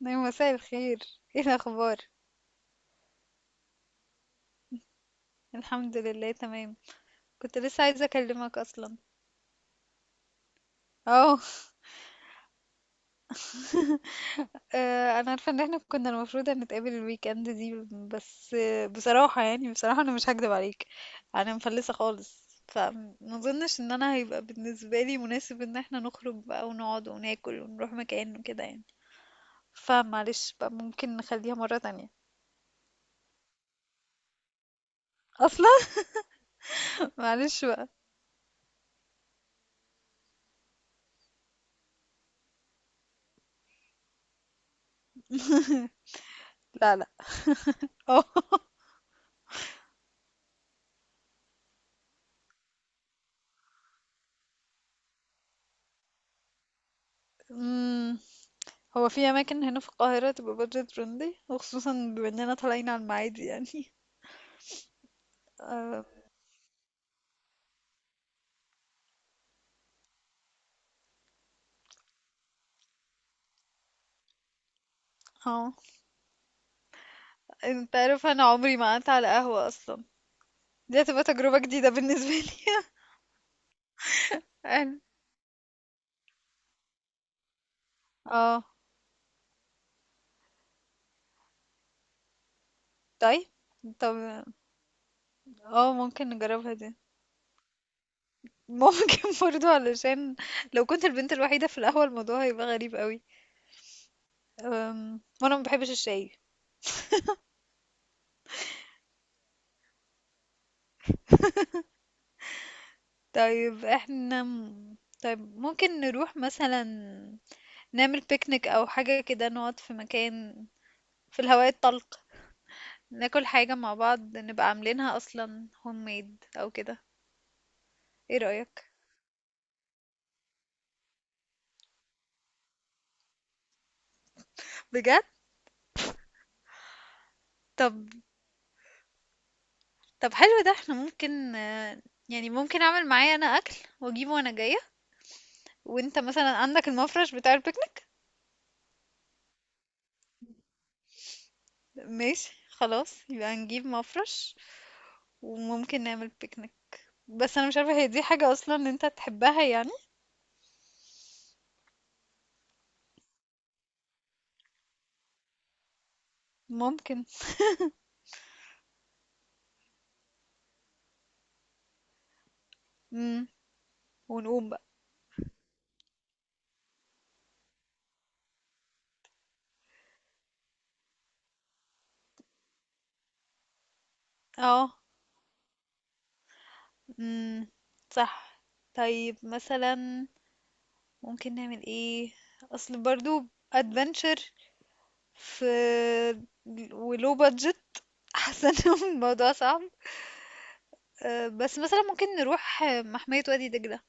نعم، مساء الخير. ايه الاخبار؟ الحمد لله، تمام. كنت لسه عايزه اكلمك اصلا. اه. انا عارفه ان احنا كنا المفروض هنتقابل الويك اند دي. بس بصراحه انا مش هكدب عليك. انا مفلسه خالص، فما اظنش ان انا هيبقى بالنسبه لي مناسب ان احنا نخرج بقى ونقعد وناكل ونروح مكان وكده يعني. فمعلش بقى، ممكن نخليها مره تانية. اصلا. معلش بقى. لا، لا. اه. هو في أماكن هنا في القاهرة تبقى بادجت فريندلي، وخصوصا بما إننا طالعين على المعادي يعني. اه. آه. انت عارف، أنا عمري ما قعدت على قهوة أصلا. دي هتبقى تجربة جديدة بالنسبة لي. يعني. اه. طيب. طب، اه ممكن نجربها دي. ممكن برضو علشان لو كنت البنت الوحيدة في القهوة، الموضوع هيبقى غريب قوي. وانا ما بحبش الشاي. طيب، احنا طيب، ممكن نروح مثلا نعمل بيكنيك او حاجة كده، نقعد في مكان في الهواء الطلق، ناكل حاجة مع بعض، نبقى عاملينها أصلا هوم ميد أو كده. ايه رأيك؟ بجد. طب. طب، حلو ده احنا ممكن يعني ممكن أعمل معايا أنا أكل وأجيبه وأنا جاية، وأنت مثلا عندك المفرش بتاع البيكنيك. ماشي خلاص، يبقى نجيب مفرش وممكن نعمل بيكنيك. بس أنا مش عارفة هي دي حاجة أصلا أنت تحبها يعني؟ ممكن. مم. ونقوم بقى. اه. مم. صح. طيب، مثلا ممكن نعمل ايه؟ اصل برضو ادفنتشر في، ولو بادجت حاسه ان الموضوع صعب. بس مثلا ممكن نروح محمية وادي دجلة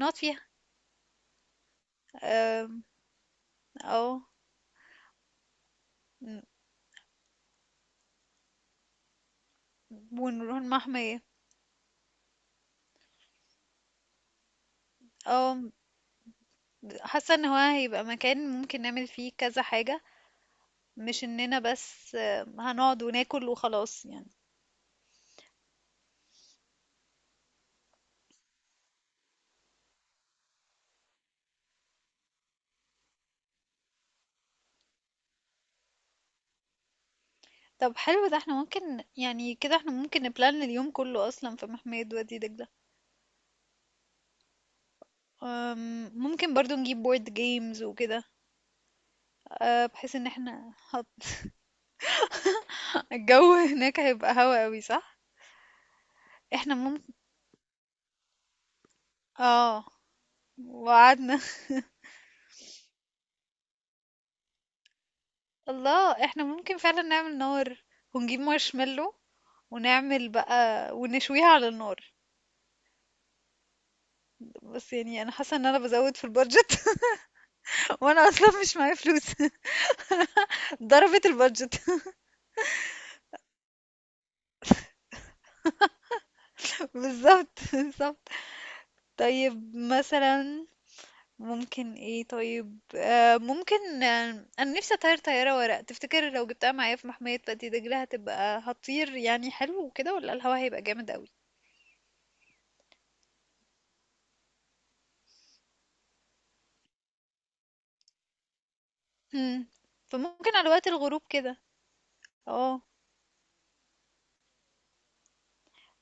نقعد فيها. أم، او ن- ونروح المحمية. اه. حاسه ان هو هيبقى مكان ممكن نعمل فيه كذا حاجة، مش اننا بس هنقعد وناكل وخلاص يعني. طب، حلو ده احنا ممكن يعني كده احنا ممكن نبلان اليوم كله اصلا في محمية وادي دجلة. ممكن برضو نجيب بورد جيمز وكده. بحيث ان احنا الجو هناك هيبقى هوا قوي، صح؟ احنا ممكن. اه. وقعدنا. الله، احنا ممكن فعلا نعمل نار ونجيب مارشميلو ونعمل بقى ونشويها على النار. بس يعني انا حاسه ان انا بزود في البادجت. وانا اصلا مش معايا فلوس. ضربت البادجت. بالظبط، بالظبط. طيب، مثلا ممكن ايه؟ طيب، ممكن انا نفسي اطير طيارة ورق. تفتكر لو جبتها معايا في محمية وادي دجلة هتبقى هتطير؟ يعني حلو وكده، ولا الهوا هيبقى جامد قوي؟ هم. فممكن على وقت الغروب كده. اه.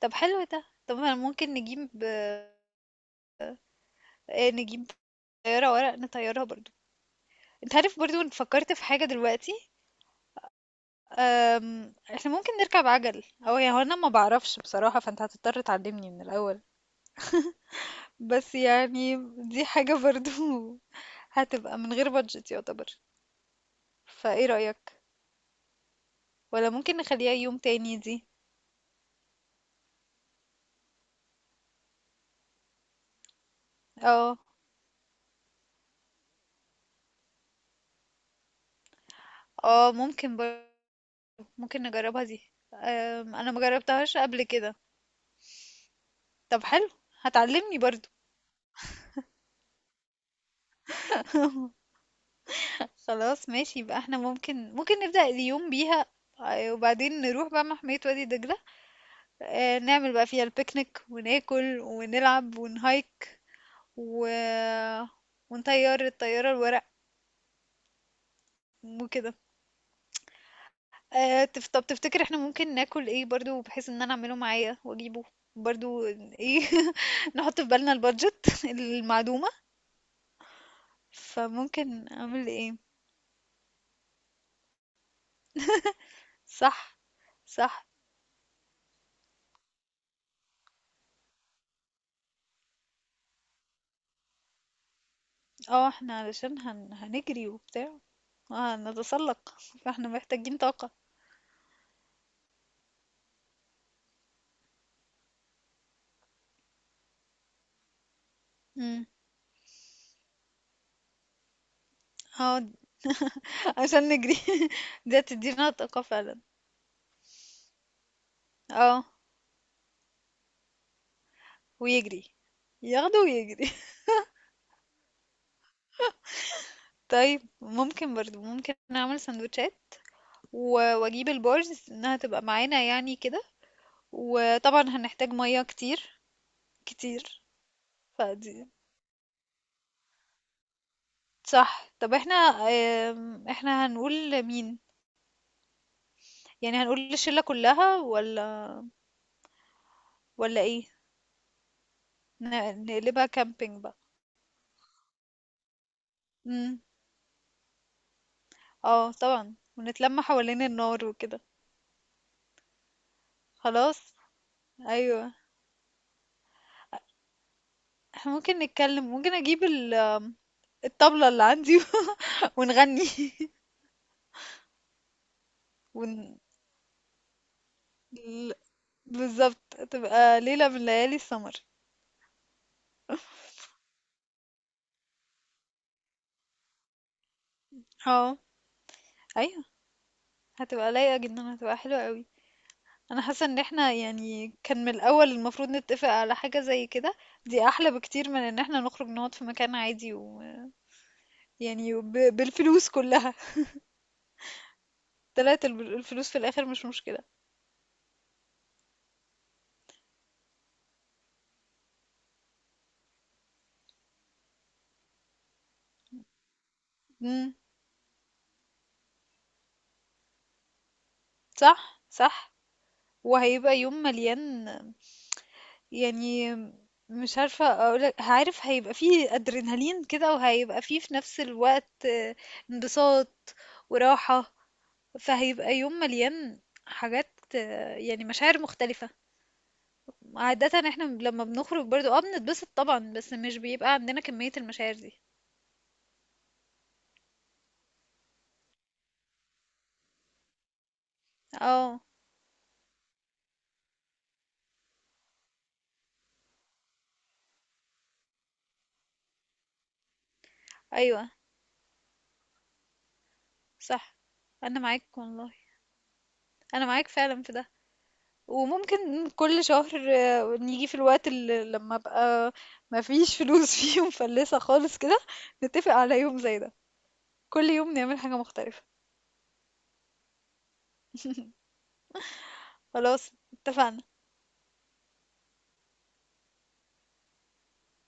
طب، حلو ده. طب، انا ممكن نجيب طيارة ورق نطيرها برضو. انت عارف برضو إن فكرت في حاجة دلوقتي. احنا ممكن نركب عجل، او يعني هو انا ما بعرفش بصراحة، فانت هتضطر تعلمني من الاول. بس يعني دي حاجة برضو هتبقى من غير بادجت يعتبر. فايه رأيك؟ ولا ممكن نخليها يوم تاني دي؟ اه اه. ممكن نجربها دي. انا مجربتهاش قبل كده. طب، حلو. هتعلمني برضو؟ خلاص، ماشي يبقى احنا ممكن نبدأ اليوم بيها. وبعدين نروح بقى محمية وادي دجلة. نعمل بقى فيها البيكنيك وناكل ونلعب ونهايك و... ونطير الطيارة الورق وكده. طب، تفتكر احنا ممكن ناكل ايه برضو؟ بحيث ان انا اعمله معايا واجيبه برضو ايه. نحط في بالنا البادجت المعدومة. فممكن اعمل ايه؟ صح، صح. اه، احنا علشان هنجري وبتاع. اه، هنتسلق، فاحنا محتاجين طاقة. امم اه. عشان نجري. دي هتدينا طاقة فعلا. اه. ويجري. ياخده ويجري. طيب، ممكن نعمل سندوتشات، واجيب البارز انها تبقى معانا يعني كده. وطبعًا هنحتاج مَيّة كتير، كتير. فدي صح. طب، إحنا إحنا هنقول لمين؟ يعني هنقول للشلة كلّها والّا والّا إيه؟ ن نقلبها camping بقى. إمم، آه طبعًا، ونتلم حوالين النار وكده. خلاص، أيوه. إحنا ممكن نتكلم، ممكن أجيب ال آم، الطبلة اللي عندي. ونغني. ون ل بالضبط، هتبقى ليلة من ليالي السمر. آه، أيوه، هتبقى لايقة جدًا، هتبقى حلوة أوي. انا حاسه ان احنا يعني كان من الاول المفروض نتفق على حاجه زي كده. دي احلى بكتير من ان احنا نخرج نقعد في مكان عادي و يعني بالفلوس كلها. طلعت الفلوس في الاخر، مش مشكله. امم صح، صح. وهيبقى يوم مليان يعني. مش عارفه اقولك، عارف هيبقى فيه ادرينالين كده، وهيبقى فيه في نفس الوقت انبساط وراحه. فهيبقى يوم مليان حاجات، يعني مشاعر مختلفه. عادة احنا لما بنخرج برضو بنتبسط طبعا، بس مش بيبقى عندنا كمية المشاعر دي. اه. ايوه. صح. انا معاك والله. انا معاك فعلا في ده. وممكن كل شهر نيجي في الوقت اللي لما ابقى مفيش فلوس فيه، ومفلسة خالص كده، نتفق على يوم زي ده. كل يوم نعمل حاجة مختلفة. خلاص، اتفقنا.